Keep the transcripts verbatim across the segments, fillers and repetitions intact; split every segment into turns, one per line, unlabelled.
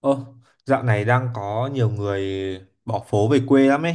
Ơ, dạo này đang có nhiều người bỏ phố về quê lắm ấy.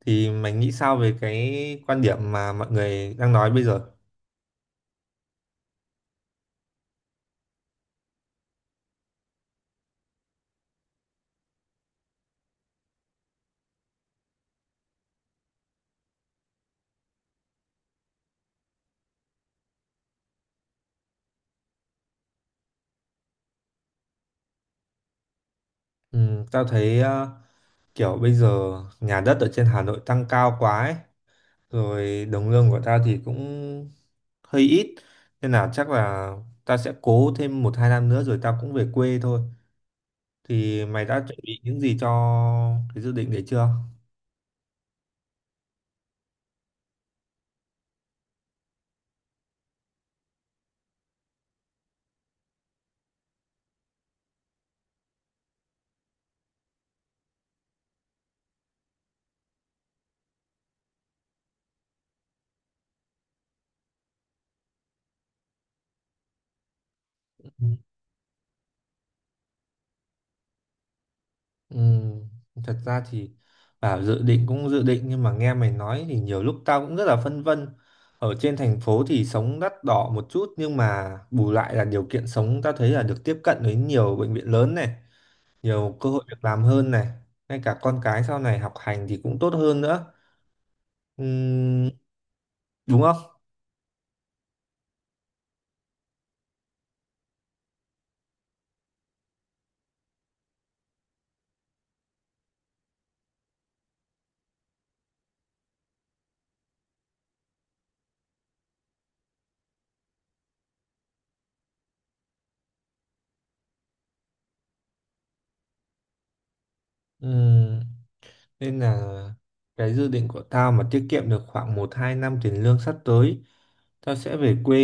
Thì mày nghĩ sao về cái quan điểm mà mọi người đang nói bây giờ? Ừ, tao thấy ờ, kiểu bây giờ nhà đất ở trên Hà Nội tăng cao quá ấy. Rồi đồng lương của tao thì cũng hơi ít. Nên là chắc là tao sẽ cố thêm một hai năm nữa rồi tao cũng về quê thôi. Thì mày đã chuẩn bị những gì cho cái dự định đấy chưa? Ừ, thật ra thì bảo dự định cũng dự định nhưng mà nghe mày nói thì nhiều lúc tao cũng rất là phân vân. Ở trên thành phố thì sống đắt đỏ một chút nhưng mà bù lại là điều kiện sống tao thấy là được tiếp cận với nhiều bệnh viện lớn này, nhiều cơ hội việc làm hơn này, ngay cả con cái sau này học hành thì cũng tốt hơn nữa. Ừm, đúng không? Ừm, Nên là cái dự định của tao mà tiết kiệm được khoảng một hai năm tiền lương sắp tới, tao sẽ về quê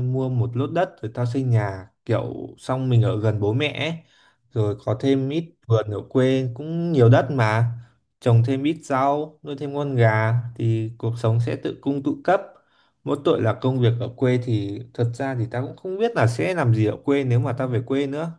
mua một lốt đất rồi tao xây nhà kiểu xong mình ở gần bố mẹ ấy. Rồi có thêm ít vườn ở quê cũng nhiều đất mà trồng thêm ít rau nuôi thêm con gà thì cuộc sống sẽ tự cung tự cấp. Mỗi tội là công việc ở quê thì thật ra thì tao cũng không biết là sẽ làm gì ở quê nếu mà tao về quê nữa.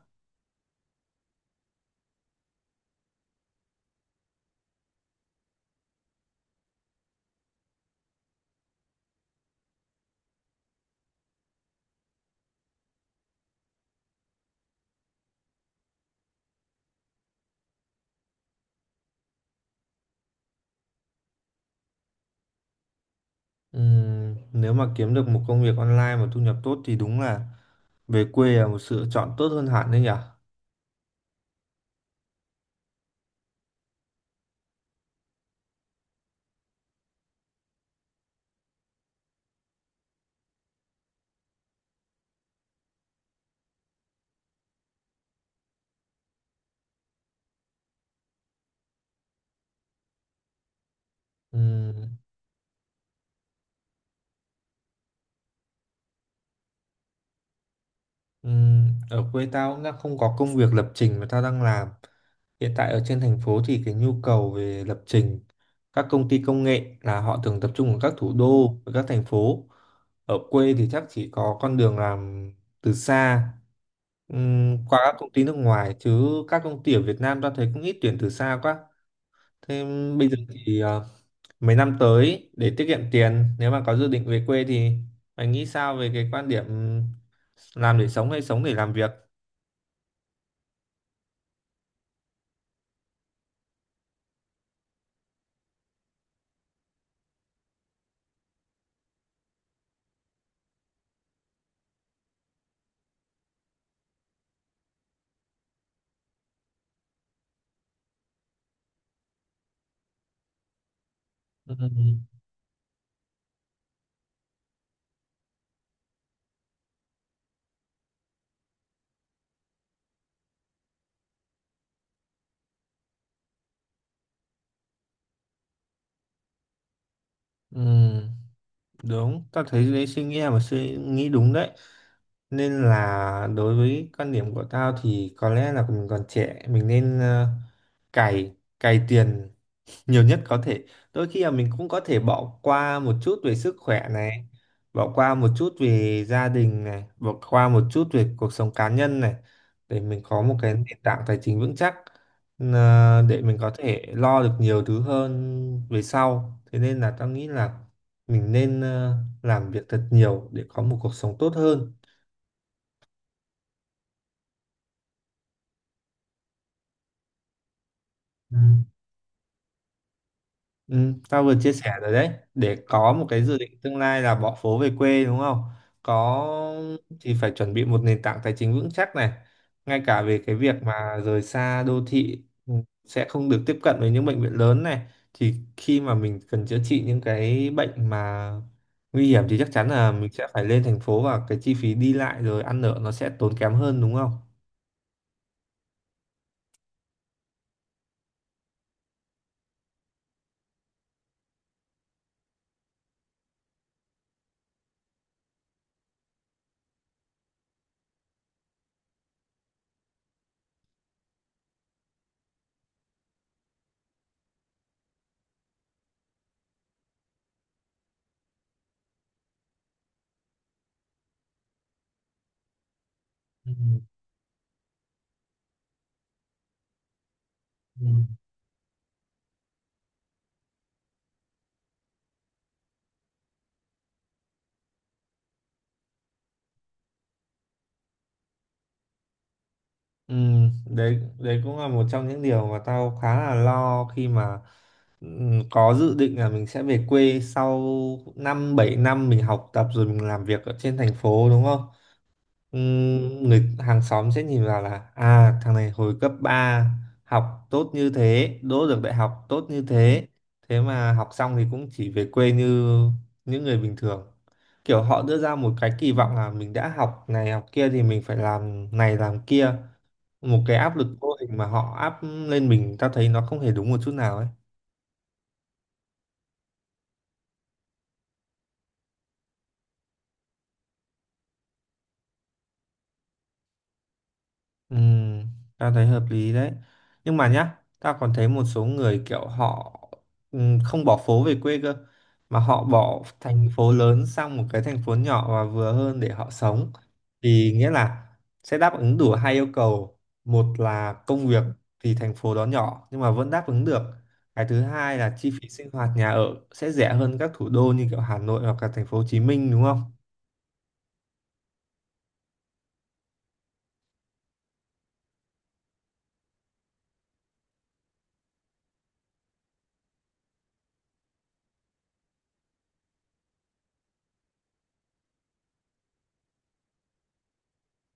Ừm, nếu mà kiếm được một công việc online mà thu nhập tốt thì đúng là về quê là một sự chọn tốt hơn hẳn đấy nhỉ? Ừm, ừm, Ở quê tao cũng đang không có công việc lập trình mà tao đang làm. Hiện tại ở trên thành phố thì cái nhu cầu về lập trình các công ty công nghệ là họ thường tập trung ở các thủ đô và các thành phố. Ở quê thì chắc chỉ có con đường làm từ xa, ừm, qua các công ty nước ngoài chứ các công ty ở Việt Nam tao thấy cũng ít tuyển từ xa quá. Thế bây giờ thì ờ, mấy năm tới để tiết kiệm tiền nếu mà có dự định về quê thì anh nghĩ sao về cái quan điểm làm để sống hay sống để làm việc? Ừ, ừ, ừ. Đúng, ta thấy đấy suy nghĩ là một suy nghĩ đúng đấy. Nên là đối với quan điểm của tao thì có lẽ là mình còn trẻ, mình nên ờ, cày cày tiền nhiều nhất có thể. Đôi khi là mình cũng có thể bỏ qua một chút về sức khỏe này, bỏ qua một chút về gia đình này, bỏ qua một chút về cuộc sống cá nhân này để mình có một cái nền tảng tài chính vững chắc, là để mình có thể lo được nhiều thứ hơn về sau. Thế nên là tao nghĩ là mình nên ờ, làm việc thật nhiều để có một cuộc sống tốt hơn. Ừ. Ừ, tao vừa chia sẻ rồi đấy, để có một cái dự định tương lai là bỏ phố về quê đúng không? Có, thì phải chuẩn bị một nền tảng tài chính vững chắc này, ngay cả về cái việc mà rời xa đô thị, ừ, sẽ không được tiếp cận với những bệnh viện lớn này, thì khi mà mình cần chữa trị những cái bệnh mà nguy hiểm thì chắc chắn là mình sẽ phải lên thành phố và cái chi phí đi lại rồi ăn ở nó sẽ tốn kém hơn đúng không? Ừ. Ừ. Ừ, đấy đấy cũng là một trong những điều mà tao khá là lo khi mà ừ, có dự định là mình sẽ về quê sau năm bảy năm mình học tập rồi mình làm việc ở trên thành phố đúng không? Ừ, người hàng xóm sẽ nhìn vào là à thằng này hồi cấp ba học tốt như thế, đỗ được đại học tốt như thế, thế mà học xong thì cũng chỉ về quê như những người bình thường. Kiểu họ đưa ra một cái kỳ vọng là mình đã học này học kia thì mình phải làm này làm kia, một cái áp lực vô hình mà họ áp lên mình tao thấy nó không hề đúng một chút nào ấy. ừ, Tao thấy hợp lý đấy, nhưng mà nhá tao còn thấy một số người kiểu họ ừ, không bỏ phố về quê cơ mà họ bỏ thành phố lớn sang một cái thành phố nhỏ và vừa hơn để họ sống, thì nghĩa là sẽ đáp ứng đủ hai yêu cầu. Một là công việc thì thành phố đó nhỏ nhưng mà vẫn đáp ứng được. Cái thứ hai là chi phí sinh hoạt nhà ở sẽ rẻ hơn các thủ đô như kiểu Hà Nội hoặc là thành phố Hồ Chí Minh đúng không?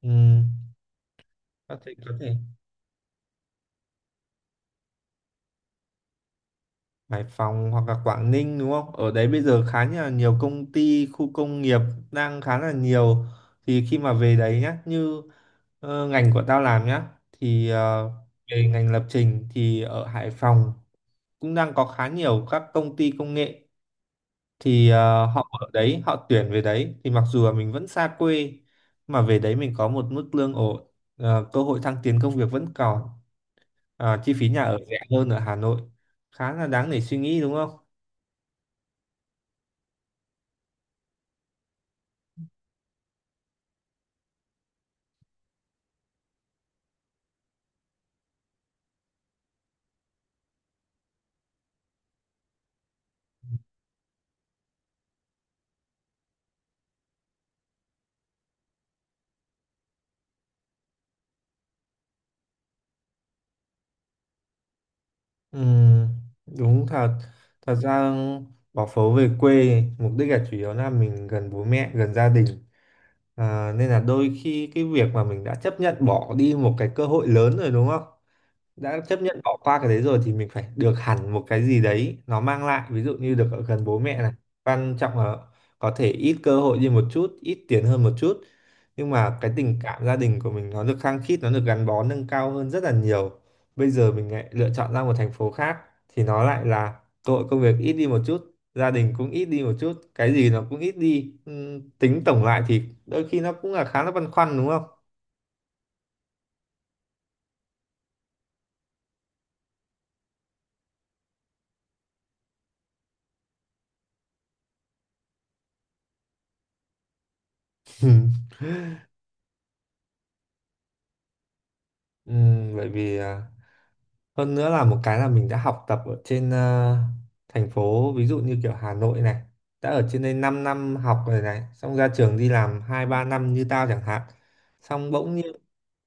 Ừ, các thầy có thể Hải Phòng hoặc là Quảng Ninh đúng không? Ở đấy bây giờ khá là nhiều công ty, khu công nghiệp, đang khá là nhiều. Thì khi mà về đấy nhá, như ờ, ngành của tao làm nhá, thì ờ, về ngành lập trình thì ở Hải Phòng cũng đang có khá nhiều các công ty công nghệ, thì ờ, họ ở đấy họ tuyển về đấy thì mặc dù là mình vẫn xa quê mà về đấy mình có một mức lương ổn, ờ, cơ hội thăng tiến công việc vẫn còn, ờ, chi phí nhà ở rẻ hơn ở Hà Nội, khá là đáng để suy nghĩ đúng không? Ừ, đúng thật. Thật ra bỏ phố về quê mục đích là chủ yếu là mình gần bố mẹ gần gia đình. Ờ, nên là đôi khi cái việc mà mình đã chấp nhận bỏ đi một cái cơ hội lớn rồi đúng không, đã chấp nhận bỏ qua cái đấy rồi thì mình phải được hẳn một cái gì đấy nó mang lại, ví dụ như được ở gần bố mẹ này. Quan trọng là có thể ít cơ hội đi một chút, ít tiền hơn một chút, nhưng mà cái tình cảm gia đình của mình nó được khăng khít, nó được gắn bó nâng cao hơn rất là nhiều. Bây giờ mình lại lựa chọn ra một thành phố khác thì nó lại là cơ hội công việc ít đi một chút, gia đình cũng ít đi một chút, cái gì nó cũng ít đi. Ừm, tính tổng lại thì đôi khi nó cũng là khá là băn khoăn đúng không? Ừm, bởi vì à, hơn nữa là một cái là mình đã học tập ở trên ờ, thành phố ví dụ như kiểu Hà Nội này, đã ở trên đây 5 năm học rồi này, xong ra trường đi làm hai ba năm như tao chẳng hạn, xong bỗng nhiên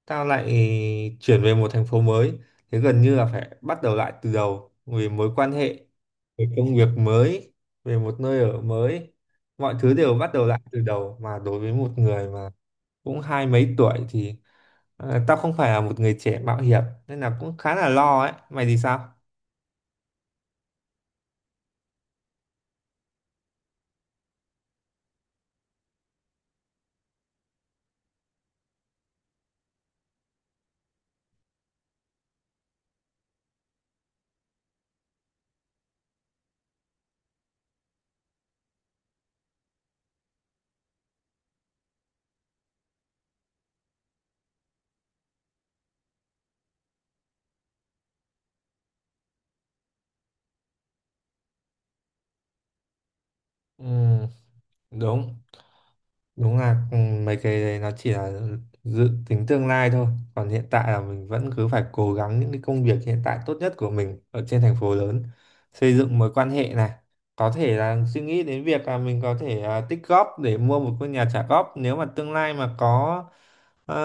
tao lại chuyển về một thành phố mới, thế gần như là phải bắt đầu lại từ đầu về mối quan hệ, về công việc mới, về một nơi ở mới, mọi thứ đều bắt đầu lại từ đầu, mà đối với một người mà cũng hai mấy tuổi thì, ờ, tao không phải là một người trẻ mạo hiểm nên là cũng khá là lo ấy. Mày thì sao? Ừ, đúng, đúng là ừ, mấy cái đấy nó chỉ là dự tính tương lai thôi. Còn hiện tại là mình vẫn cứ phải cố gắng những cái công việc hiện tại tốt nhất của mình ở trên thành phố lớn, xây dựng mối quan hệ này. Có thể là suy nghĩ đến việc là mình có thể à, tích góp để mua một ngôi nhà trả góp. Nếu mà tương lai mà có ờ,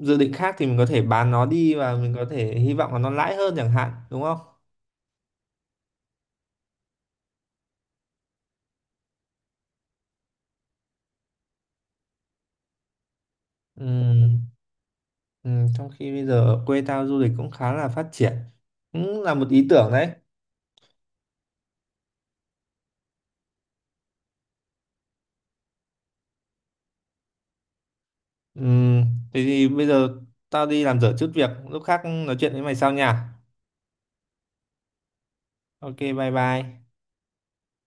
dự định khác thì mình có thể bán nó đi và mình có thể hy vọng là nó lãi hơn chẳng hạn, đúng không? Ừm, ừm, Trong khi bây giờ ở quê tao du lịch cũng khá là phát triển, cũng là một ý tưởng đấy. Ừm, Thế thì bây giờ tao đi làm dở chút việc, lúc khác nói chuyện với mày sau nha. Ok, bye bye.